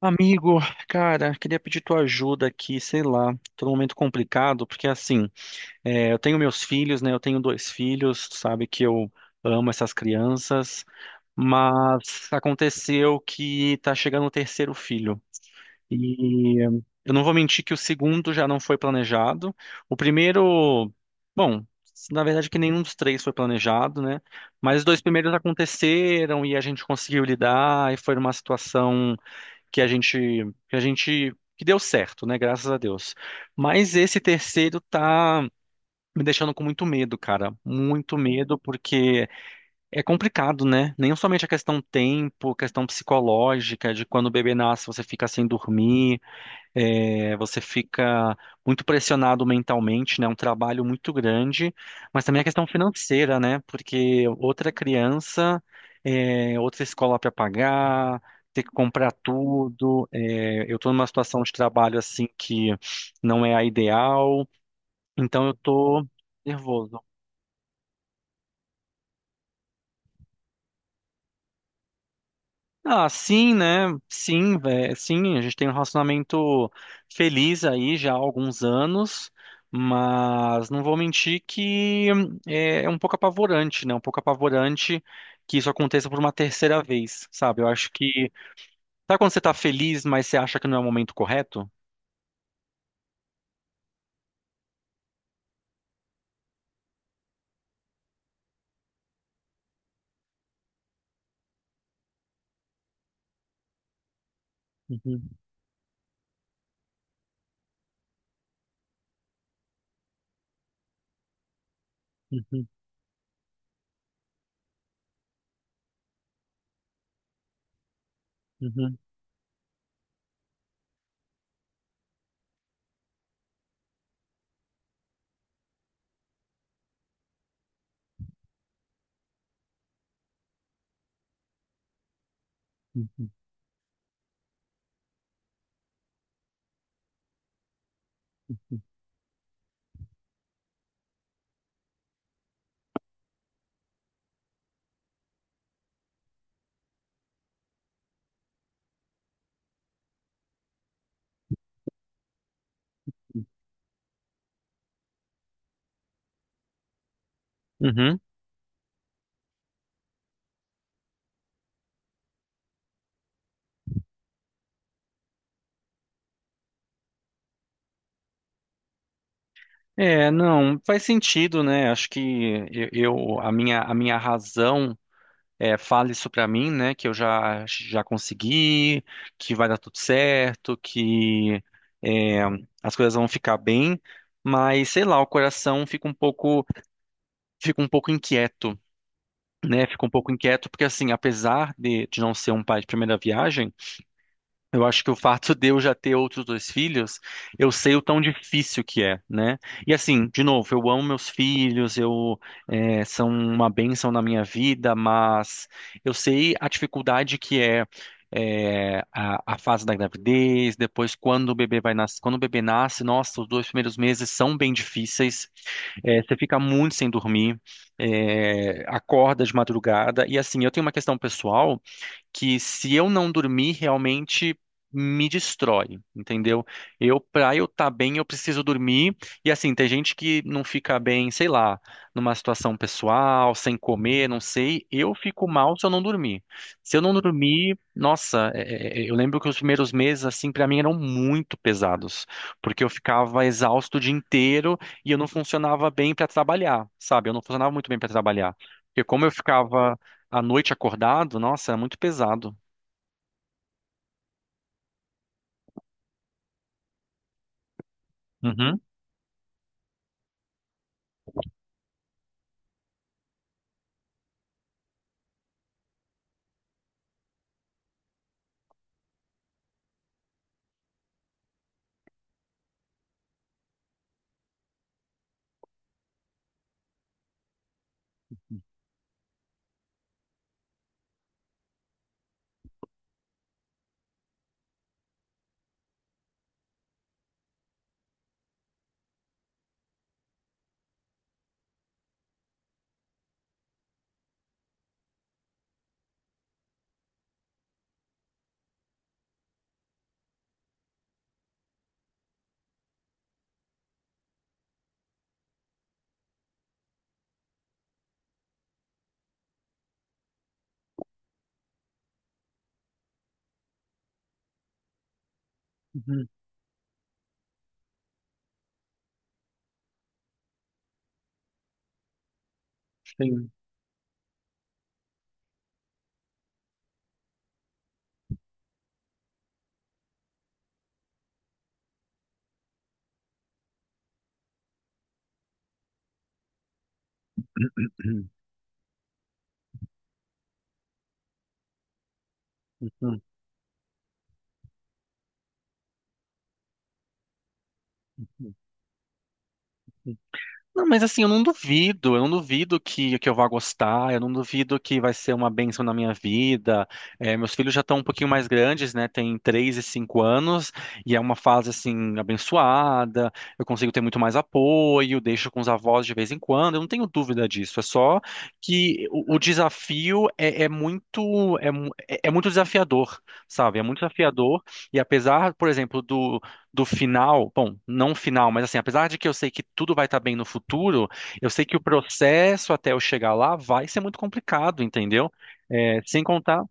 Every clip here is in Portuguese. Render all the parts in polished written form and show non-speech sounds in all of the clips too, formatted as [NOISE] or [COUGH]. Amigo, cara, queria pedir tua ajuda aqui, sei lá, tô num momento complicado, porque assim, eu tenho meus filhos, né? Eu tenho dois filhos, sabe que eu amo essas crianças, mas aconteceu que tá chegando o terceiro filho. E eh, eu não vou mentir que o segundo já não foi planejado. O primeiro, bom, na verdade que nenhum dos três foi planejado, né? Mas os dois primeiros aconteceram e a gente conseguiu lidar e foi uma situação que a gente que a gente que deu certo, né? Graças a Deus. Mas esse terceiro tá me deixando com muito medo, cara. Muito medo porque é complicado, né? Nem somente a questão tempo, questão psicológica de quando o bebê nasce, você fica sem dormir. É, você fica muito pressionado mentalmente, né? É um trabalho muito grande, mas também a questão financeira, né? Porque outra criança, é, outra escola para pagar, ter que comprar tudo. É, eu estou numa situação de trabalho assim que não é a ideal, então eu estou nervoso. Ah, sim, né? Sim, velho. Sim, a gente tem um relacionamento feliz aí já há alguns anos, mas não vou mentir que é, é um pouco apavorante, né? Um pouco apavorante que isso aconteça por uma terceira vez, sabe? Eu acho que. Sabe quando você tá feliz, mas você acha que não é o momento correto? Uhum, uhum, uhum, uhum. Uhum. É, não, faz sentido, né? Acho que a minha razão. Fale isso pra mim, né? Que eu já já consegui, que vai dar tudo certo, que é, as coisas vão ficar bem, mas sei lá, o coração fica um pouco inquieto, né? Fica um pouco inquieto porque assim, apesar de não ser um pai de primeira viagem, eu acho que o fato de eu já ter outros dois filhos, eu sei o tão difícil que é, né? E assim, de novo, eu amo meus filhos, são uma bênção na minha vida, mas eu sei a dificuldade que é, a fase da gravidez, depois quando o bebê vai nascer, quando o bebê nasce, nossa, os dois primeiros meses são bem difíceis, você fica muito sem dormir, acorda de madrugada, e assim, eu tenho uma questão pessoal que se eu não dormir, realmente me destrói, entendeu? Eu, pra eu estar bem, eu preciso dormir. E assim, tem gente que não fica bem, sei lá, numa situação pessoal, sem comer, não sei. Eu fico mal se eu não dormir. Se eu não dormir, nossa, é, eu lembro que os primeiros meses, assim, pra mim eram muito pesados, porque eu ficava exausto o dia inteiro e eu não funcionava bem pra trabalhar, sabe? Eu não funcionava muito bem pra trabalhar. Porque como eu ficava à noite acordado, nossa, é muito pesado. Uhum. Uhum. Sim. Uhum. Não, mas assim, eu não duvido que eu vá gostar, eu não duvido que vai ser uma bênção na minha vida. É, meus filhos já estão um pouquinho mais grandes, né? Tem 3 e 5 anos, e é uma fase assim, abençoada, eu consigo ter muito mais apoio, deixo com os avós de vez em quando, eu não tenho dúvida disso. É só que o desafio é, é muito, é muito desafiador, sabe? É muito desafiador, e apesar, por exemplo, do do final, bom, não final, mas assim, apesar de que eu sei que tudo vai estar bem no futuro, eu sei que o processo até eu chegar lá vai ser muito complicado, entendeu? É, sem contar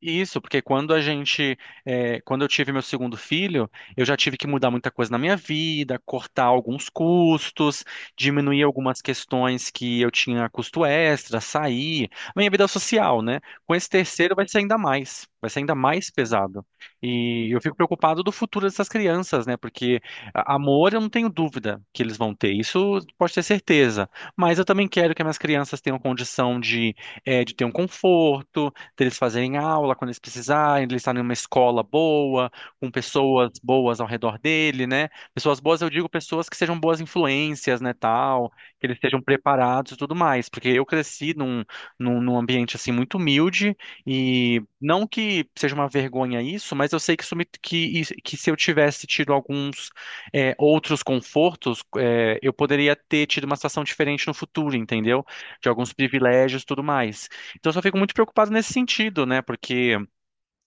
isso, porque quando a gente, quando eu tive meu segundo filho, eu já tive que mudar muita coisa na minha vida, cortar alguns custos, diminuir algumas questões que eu tinha custo extra, sair, minha vida social, né? Com esse terceiro vai ser ainda mais, vai ser ainda mais pesado. E eu fico preocupado do futuro dessas crianças, né? Porque amor eu não tenho dúvida que eles vão ter, isso pode ter certeza. Mas eu também quero que as minhas crianças tenham condição de, de ter um conforto deles fazerem aula quando eles precisarem, de eles estarem em uma escola boa, com pessoas boas ao redor dele, né? Pessoas boas, eu digo pessoas que sejam boas influências, né, tal, que eles estejam preparados e tudo mais, porque eu cresci num ambiente, assim, muito humilde e não que seja uma vergonha isso, mas eu sei que, que se eu tivesse tido alguns é, outros confortos, é, eu poderia ter tido uma situação diferente no futuro, entendeu? De alguns privilégios e tudo mais. Então eu só fico muito preocupado nesse sentido, né? Porque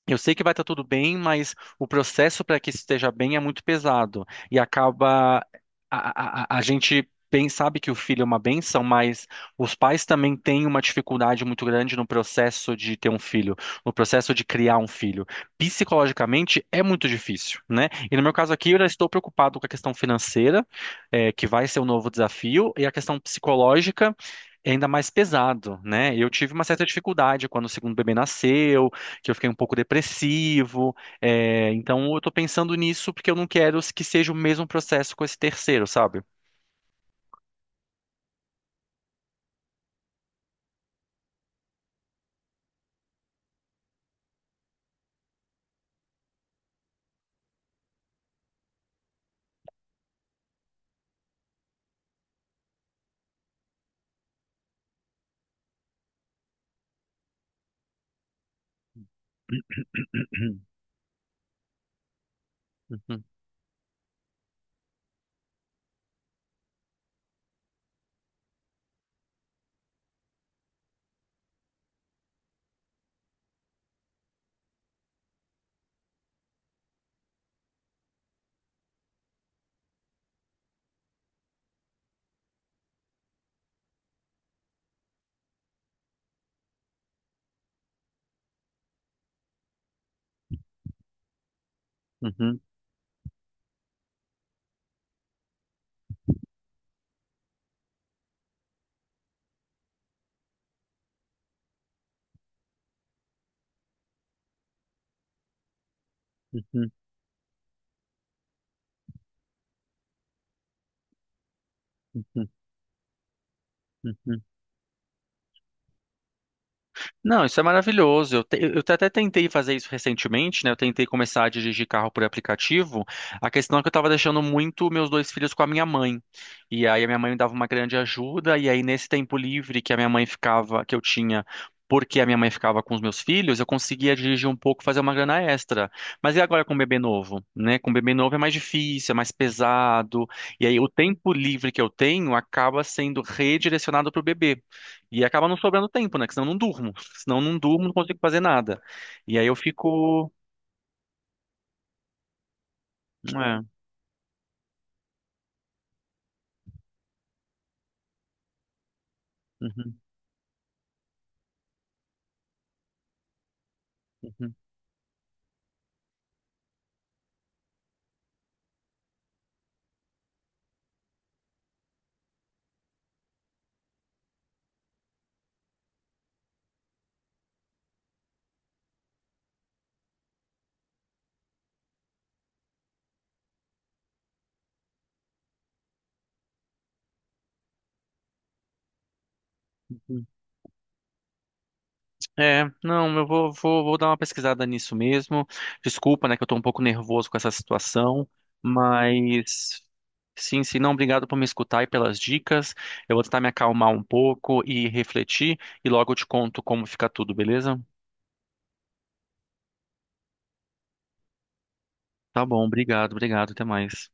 eu sei que vai estar tudo bem, mas o processo para que isso esteja bem é muito pesado. E acaba. A gente bem sabe que o filho é uma bênção, mas os pais também têm uma dificuldade muito grande no processo de ter um filho, no processo de criar um filho. Psicologicamente é muito difícil, né? E no meu caso aqui, eu já estou preocupado com a questão financeira, que vai ser um novo desafio, e a questão psicológica. É ainda mais pesado, né? Eu tive uma certa dificuldade quando o segundo bebê nasceu, que eu fiquei um pouco depressivo. Então eu tô pensando nisso porque eu não quero que seja o mesmo processo com esse terceiro, sabe? [CLEARS THROAT] Uhum, uhum, uhum, uhum, uhum, uhum. Não, isso é maravilhoso. Eu, até tentei fazer isso recentemente, né? Eu tentei começar a dirigir carro por aplicativo. A questão é que eu estava deixando muito meus dois filhos com a minha mãe. E aí a minha mãe me dava uma grande ajuda. E aí nesse tempo livre que a minha mãe ficava, que eu tinha, porque a minha mãe ficava com os meus filhos, eu conseguia dirigir um pouco, fazer uma grana extra. Mas e agora com o bebê novo, né? Com o bebê novo é mais difícil, é mais pesado. E aí o tempo livre que eu tenho acaba sendo redirecionado para o bebê. E acaba não sobrando tempo, né? Que senão eu não durmo. [LAUGHS] Senão eu não durmo, não consigo fazer nada. E aí eu fico. É, uhum, uhum, uhum. É, não, eu vou, vou, vou dar uma pesquisada nisso mesmo. Desculpa, né, que eu tô um pouco nervoso com essa situação, mas sim, sim, não, obrigado por me escutar e pelas dicas. Eu vou tentar me acalmar um pouco e refletir, e logo eu te conto como fica tudo, beleza? Tá bom, obrigado, obrigado, até mais.